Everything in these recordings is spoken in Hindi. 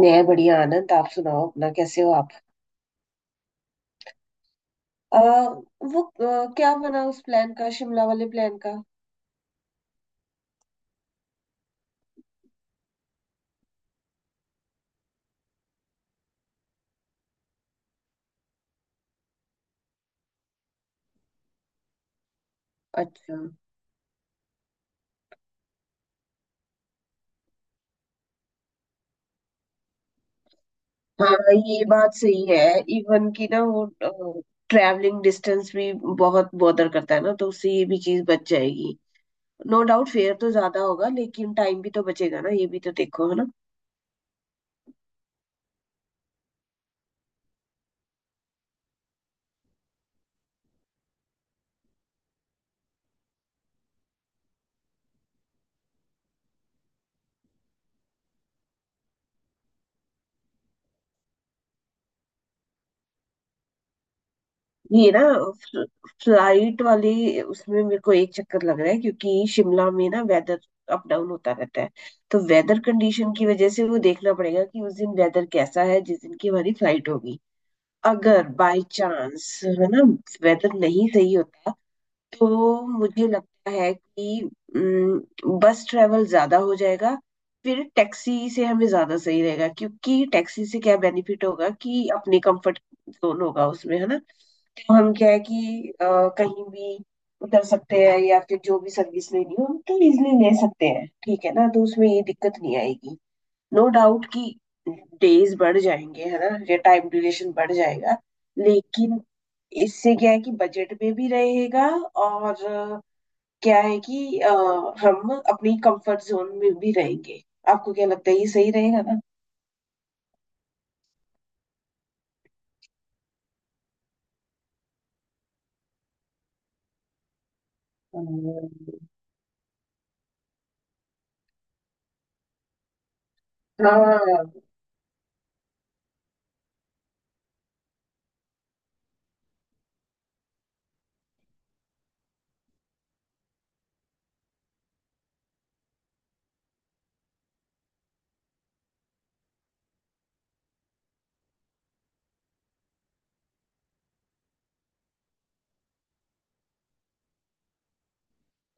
मैं बढ़िया आनंद। आप सुनाओ अपना, कैसे हो आप? वो क्या बना उस प्लान का, शिमला वाले प्लान का? अच्छा। हाँ, ये बात सही है। इवन की ना वो ट्रैवलिंग डिस्टेंस भी बहुत बॉदर करता है ना, तो उससे ये भी चीज बच जाएगी। नो डाउट फेयर तो ज्यादा होगा, लेकिन टाइम भी तो बचेगा ना, ये भी तो देखो है ना। ये ना फ्ल- फ्लाइट वाले, उसमें मेरे को एक चक्कर लग रहा है क्योंकि शिमला में ना वेदर अप डाउन होता रहता है। तो वेदर कंडीशन की वजह से वो देखना पड़ेगा कि उस दिन वेदर कैसा है जिस दिन की हमारी फ्लाइट होगी। अगर बाय चांस है ना, वेदर नहीं सही होता, तो मुझे लगता है कि बस ट्रेवल ज्यादा हो जाएगा। फिर टैक्सी से हमें ज्यादा सही रहेगा, क्योंकि टैक्सी से क्या बेनिफिट होगा कि अपने कंफर्ट जोन होगा उसमें, है ना। तो हम क्या है कि कहीं भी उतर सकते हैं या फिर जो भी सर्विस लेनी हो हम तो इजिली ले सकते हैं, ठीक है ना, तो उसमें ये दिक्कत नहीं आएगी। नो डाउट कि डेज बढ़ जाएंगे है ना, या टाइम ड्यूरेशन बढ़ जाएगा, लेकिन इससे क्या है कि बजट में भी रहेगा और क्या है कि हम अपनी कंफर्ट जोन में भी रहेंगे। आपको क्या लगता है, ये सही रहेगा ना? अ, हाँ।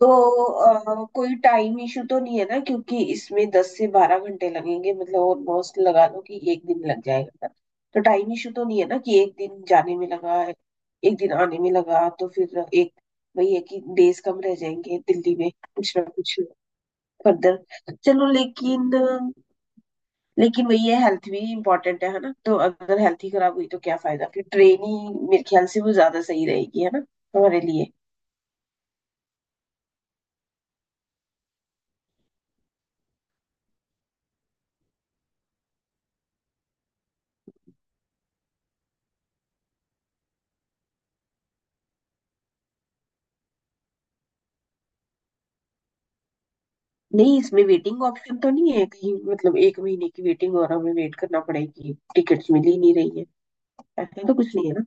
तो कोई टाइम इशू तो नहीं है ना, क्योंकि इसमें 10 से 12 घंटे लगेंगे, मतलब ऑलमोस्ट लगा लो कि एक दिन लग जाएगा। तो टाइम इशू तो नहीं है ना कि एक दिन जाने में लगा है, एक दिन आने में लगा, तो फिर एक, वही है कि डेज कम रह जाएंगे दिल्ली में, कुछ ना कुछ फर्दर। चलो, लेकिन, लेकिन वही है, हेल्थ भी इम्पोर्टेंट है ना, तो अगर हेल्थ ही खराब हुई तो क्या फायदा? फिर ट्रेन ही मेरे ख्याल से वो ज्यादा सही रहेगी, है ना, हमारे लिए। नहीं, इसमें वेटिंग ऑप्शन तो नहीं है कहीं? मतलब एक महीने की वेटिंग और हमें वेट करना पड़ेगी, टिकट्स मिल ही नहीं रही है। ऐसा तो कुछ नहीं है ना?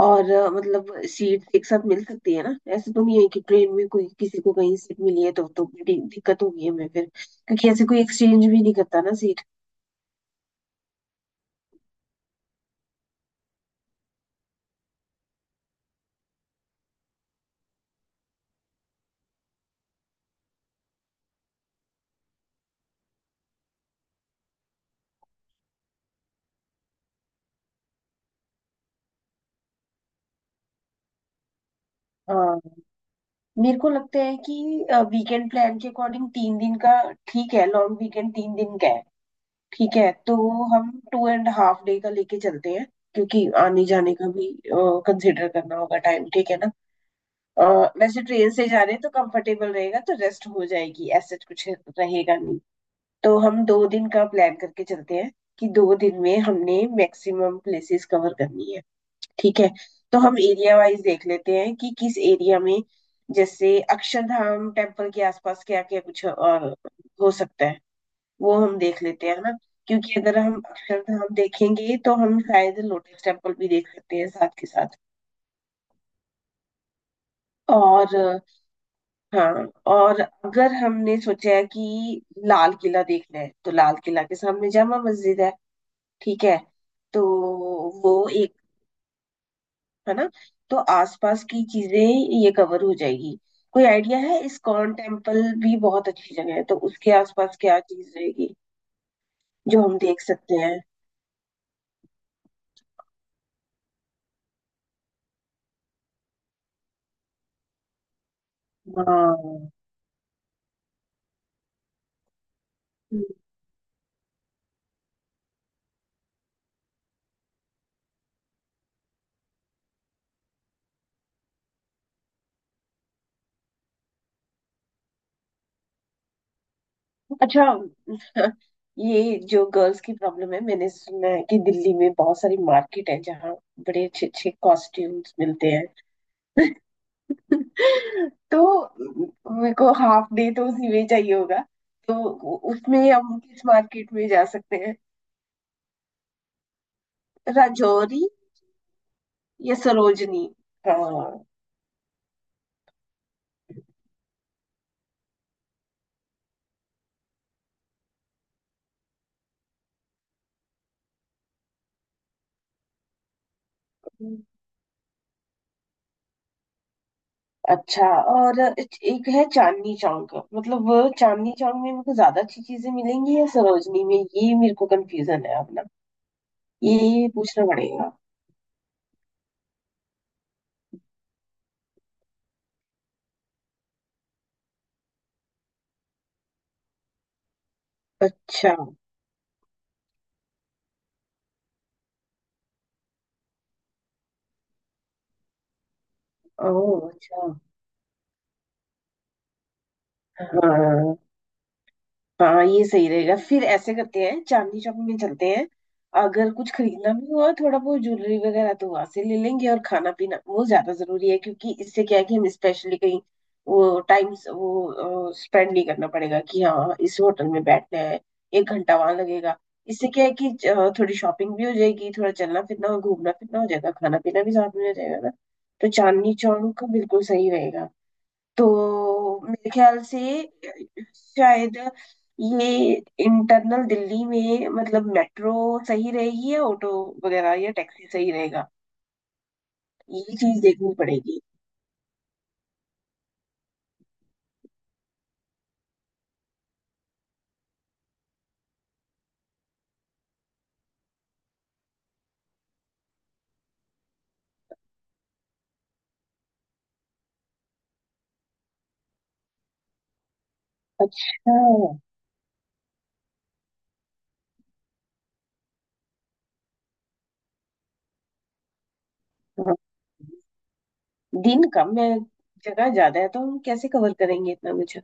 और मतलब सीट एक साथ मिल सकती है ना? ऐसे तो नहीं है कि ट्रेन में कोई किसी को कहीं सीट मिली है तो बड़ी दिक्कत होगी हमें फिर, क्योंकि ऐसे कोई एक्सचेंज भी नहीं करता ना सीट। हाँ, मेरे को लगता है कि वीकेंड प्लान के अकॉर्डिंग 3 दिन का ठीक है, लॉन्ग वीकेंड 3 दिन का है, ठीक है, तो हम टू एंड हाफ डे का लेके चलते हैं, क्योंकि आने जाने का भी कंसिडर करना होगा टाइम, ठीक है ना। अ, वैसे ट्रेन से जा रहे हैं तो कंफर्टेबल रहेगा, तो रेस्ट हो जाएगी, ऐसा कुछ रहेगा नहीं, तो हम 2 दिन का प्लान करके चलते हैं कि 2 दिन में हमने मैक्सिमम प्लेसेस कवर करनी है, ठीक है। तो हम एरिया वाइज देख लेते हैं कि किस एरिया में, जैसे अक्षरधाम टेम्पल के आसपास क्या क्या कुछ और हो सकता है, वो हम देख लेते हैं ना। क्योंकि अगर हम अक्षरधाम देखेंगे तो हम शायद लोटस टेम्पल भी देख सकते हैं साथ के साथ। और हाँ। और अगर हमने सोचा है कि लाल किला देखना है तो लाल किला के सामने जामा मस्जिद है, ठीक है। तो वो एक, है ना, तो आसपास की चीजें ये कवर हो जाएगी। कोई आइडिया है, इस्कॉन टेम्पल भी बहुत अच्छी जगह है, तो उसके आसपास क्या चीज रहेगी जो हम देख सकते हैं? हाँ। अच्छा। ये जो गर्ल्स की प्रॉब्लम है, मैंने सुना है कि दिल्ली में बहुत सारी मार्केट है जहाँ बड़े अच्छे अच्छे कॉस्ट्यूम्स मिलते हैं। तो मेरे को हाफ डे तो उसी में चाहिए होगा। तो उसमें हम किस मार्केट में जा सकते हैं? राजौरी या सरोजनी? हाँ। अच्छा। और एक है चांदनी चौक। मतलब वो चांदनी चौक में मेरे को ज्यादा अच्छी चीजें मिलेंगी या सरोजनी में, ये मेरे को कंफ्यूजन है, ये पूछना पड़ेगा। अच्छा। ओ, अच्छा। हाँ, हाँ। हाँ, ये सही रहेगा, फिर ऐसे करते हैं, चांदनी शॉपिंग में चलते हैं। अगर कुछ खरीदना भी हुआ थोड़ा बहुत ज्वेलरी वगैरह तो वहां से ले लेंगे। और खाना पीना वो ज्यादा जरूरी है, क्योंकि इससे क्या है कि हम स्पेशली कहीं वो टाइम वो स्पेंड नहीं करना पड़ेगा कि हाँ इस होटल में बैठना है, एक घंटा वहां लगेगा। इससे क्या है कि थोड़ी शॉपिंग भी हो जाएगी, थोड़ा चलना फिरना और घूमना फिरना हो जाएगा, खाना पीना भी साथ में हो जाएगा ना। तो चांदनी चौक बिल्कुल सही रहेगा। तो मेरे ख्याल से शायद ये इंटरनल दिल्ली में, मतलब मेट्रो सही रहेगी या ऑटो वगैरह या टैक्सी सही रहेगा, ये चीज देखनी पड़ेगी। अच्छा। हाँ। दिन कम है, जगह ज्यादा है, तो हम कैसे कवर करेंगे इतना मुझे?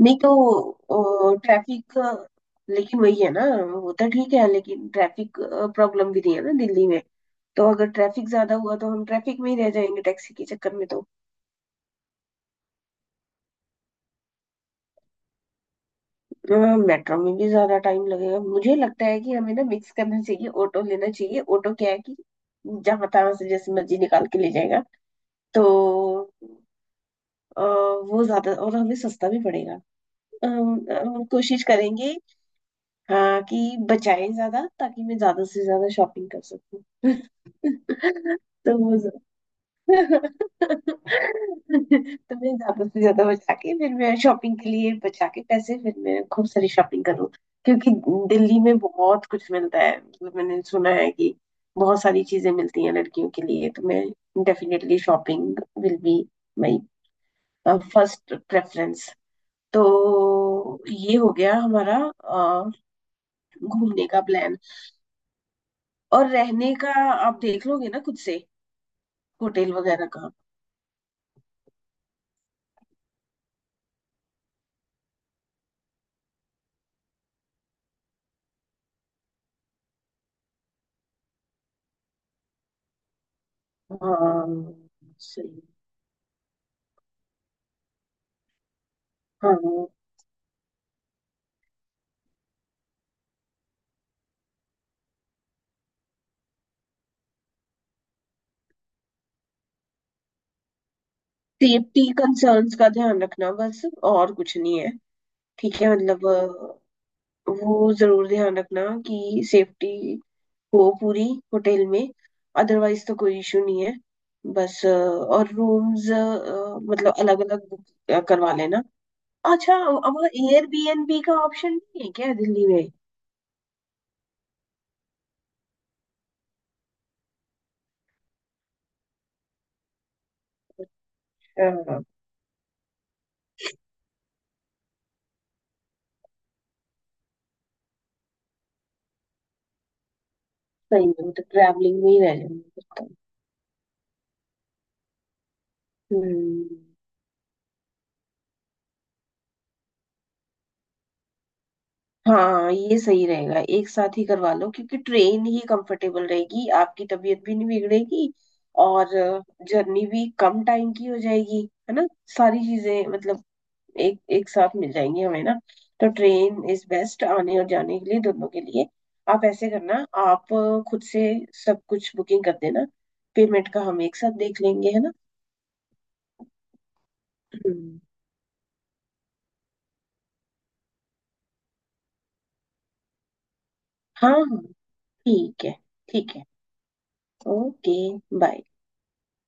नहीं तो ट्रैफिक, लेकिन वही है ना, वो तो ठीक है, लेकिन ट्रैफिक प्रॉब्लम भी नहीं है ना दिल्ली में? तो अगर ट्रैफिक ज्यादा हुआ तो हम ट्रैफिक में ही रह जाएंगे टैक्सी के चक्कर में, तो। मेट्रो में भी ज्यादा टाइम लगेगा, मुझे लगता है कि हमें ना मिक्स करना चाहिए, ऑटो लेना चाहिए। ऑटो क्या है कि जहां तहां से जैसे मर्जी निकाल के ले जाएगा। तो वो ज्यादा और हमें सस्ता भी पड़ेगा। अम, अम, कोशिश करेंगे। हाँ, कि बचाएं ज्यादा ताकि मैं ज्यादा से ज्यादा शॉपिंग कर सकूं। तो तो मैं ज्यादा से ज्यादा बचा के, फिर मैं शॉपिंग के लिए बचा के पैसे फिर मैं खूब सारी शॉपिंग करूँ। क्योंकि दिल्ली में बहुत कुछ मिलता है, मतलब मैंने सुना है कि बहुत सारी चीजें मिलती हैं लड़कियों के लिए, तो मैं definitely shopping will be my first preference. तो ये हो गया हमारा अ, घूमने का प्लान। और रहने का आप देख लोगे ना खुद से, होटल वगैरह का। हाँ। सही। हाँ। सेफ्टी कंसर्न्स का ध्यान रखना बस, और कुछ नहीं है। ठीक है, मतलब वो जरूर ध्यान रखना कि सेफ्टी हो पूरी होटल में। अदरवाइज तो कोई इशू नहीं है, बस और रूम्स मतलब अलग अलग बुक करवा लेना। अच्छा। अब एयरबीएनबी का ऑप्शन नहीं है क्या दिल्ली में? हाँ, सही है, मतलब ट्रैवलिंग में ही रह जाऊंगी फिर तो। हम्म। हाँ, ये सही रहेगा, एक साथ ही करवा लो, क्योंकि ट्रेन ही कंफर्टेबल रहेगी, आपकी तबीयत भी नहीं बिगड़ेगी। और जर्नी भी कम टाइम की हो जाएगी, है ना, सारी चीजें मतलब एक एक साथ मिल जाएंगी हमें ना। तो ट्रेन इज बेस्ट आने और जाने के लिए दोनों के लिए। आप ऐसे करना, आप खुद से सब कुछ बुकिंग कर देना, पेमेंट का हम एक साथ देख लेंगे, है ना। हम्म। हाँ, हाँ। ठीक है। ठीक है। ओके। बाय।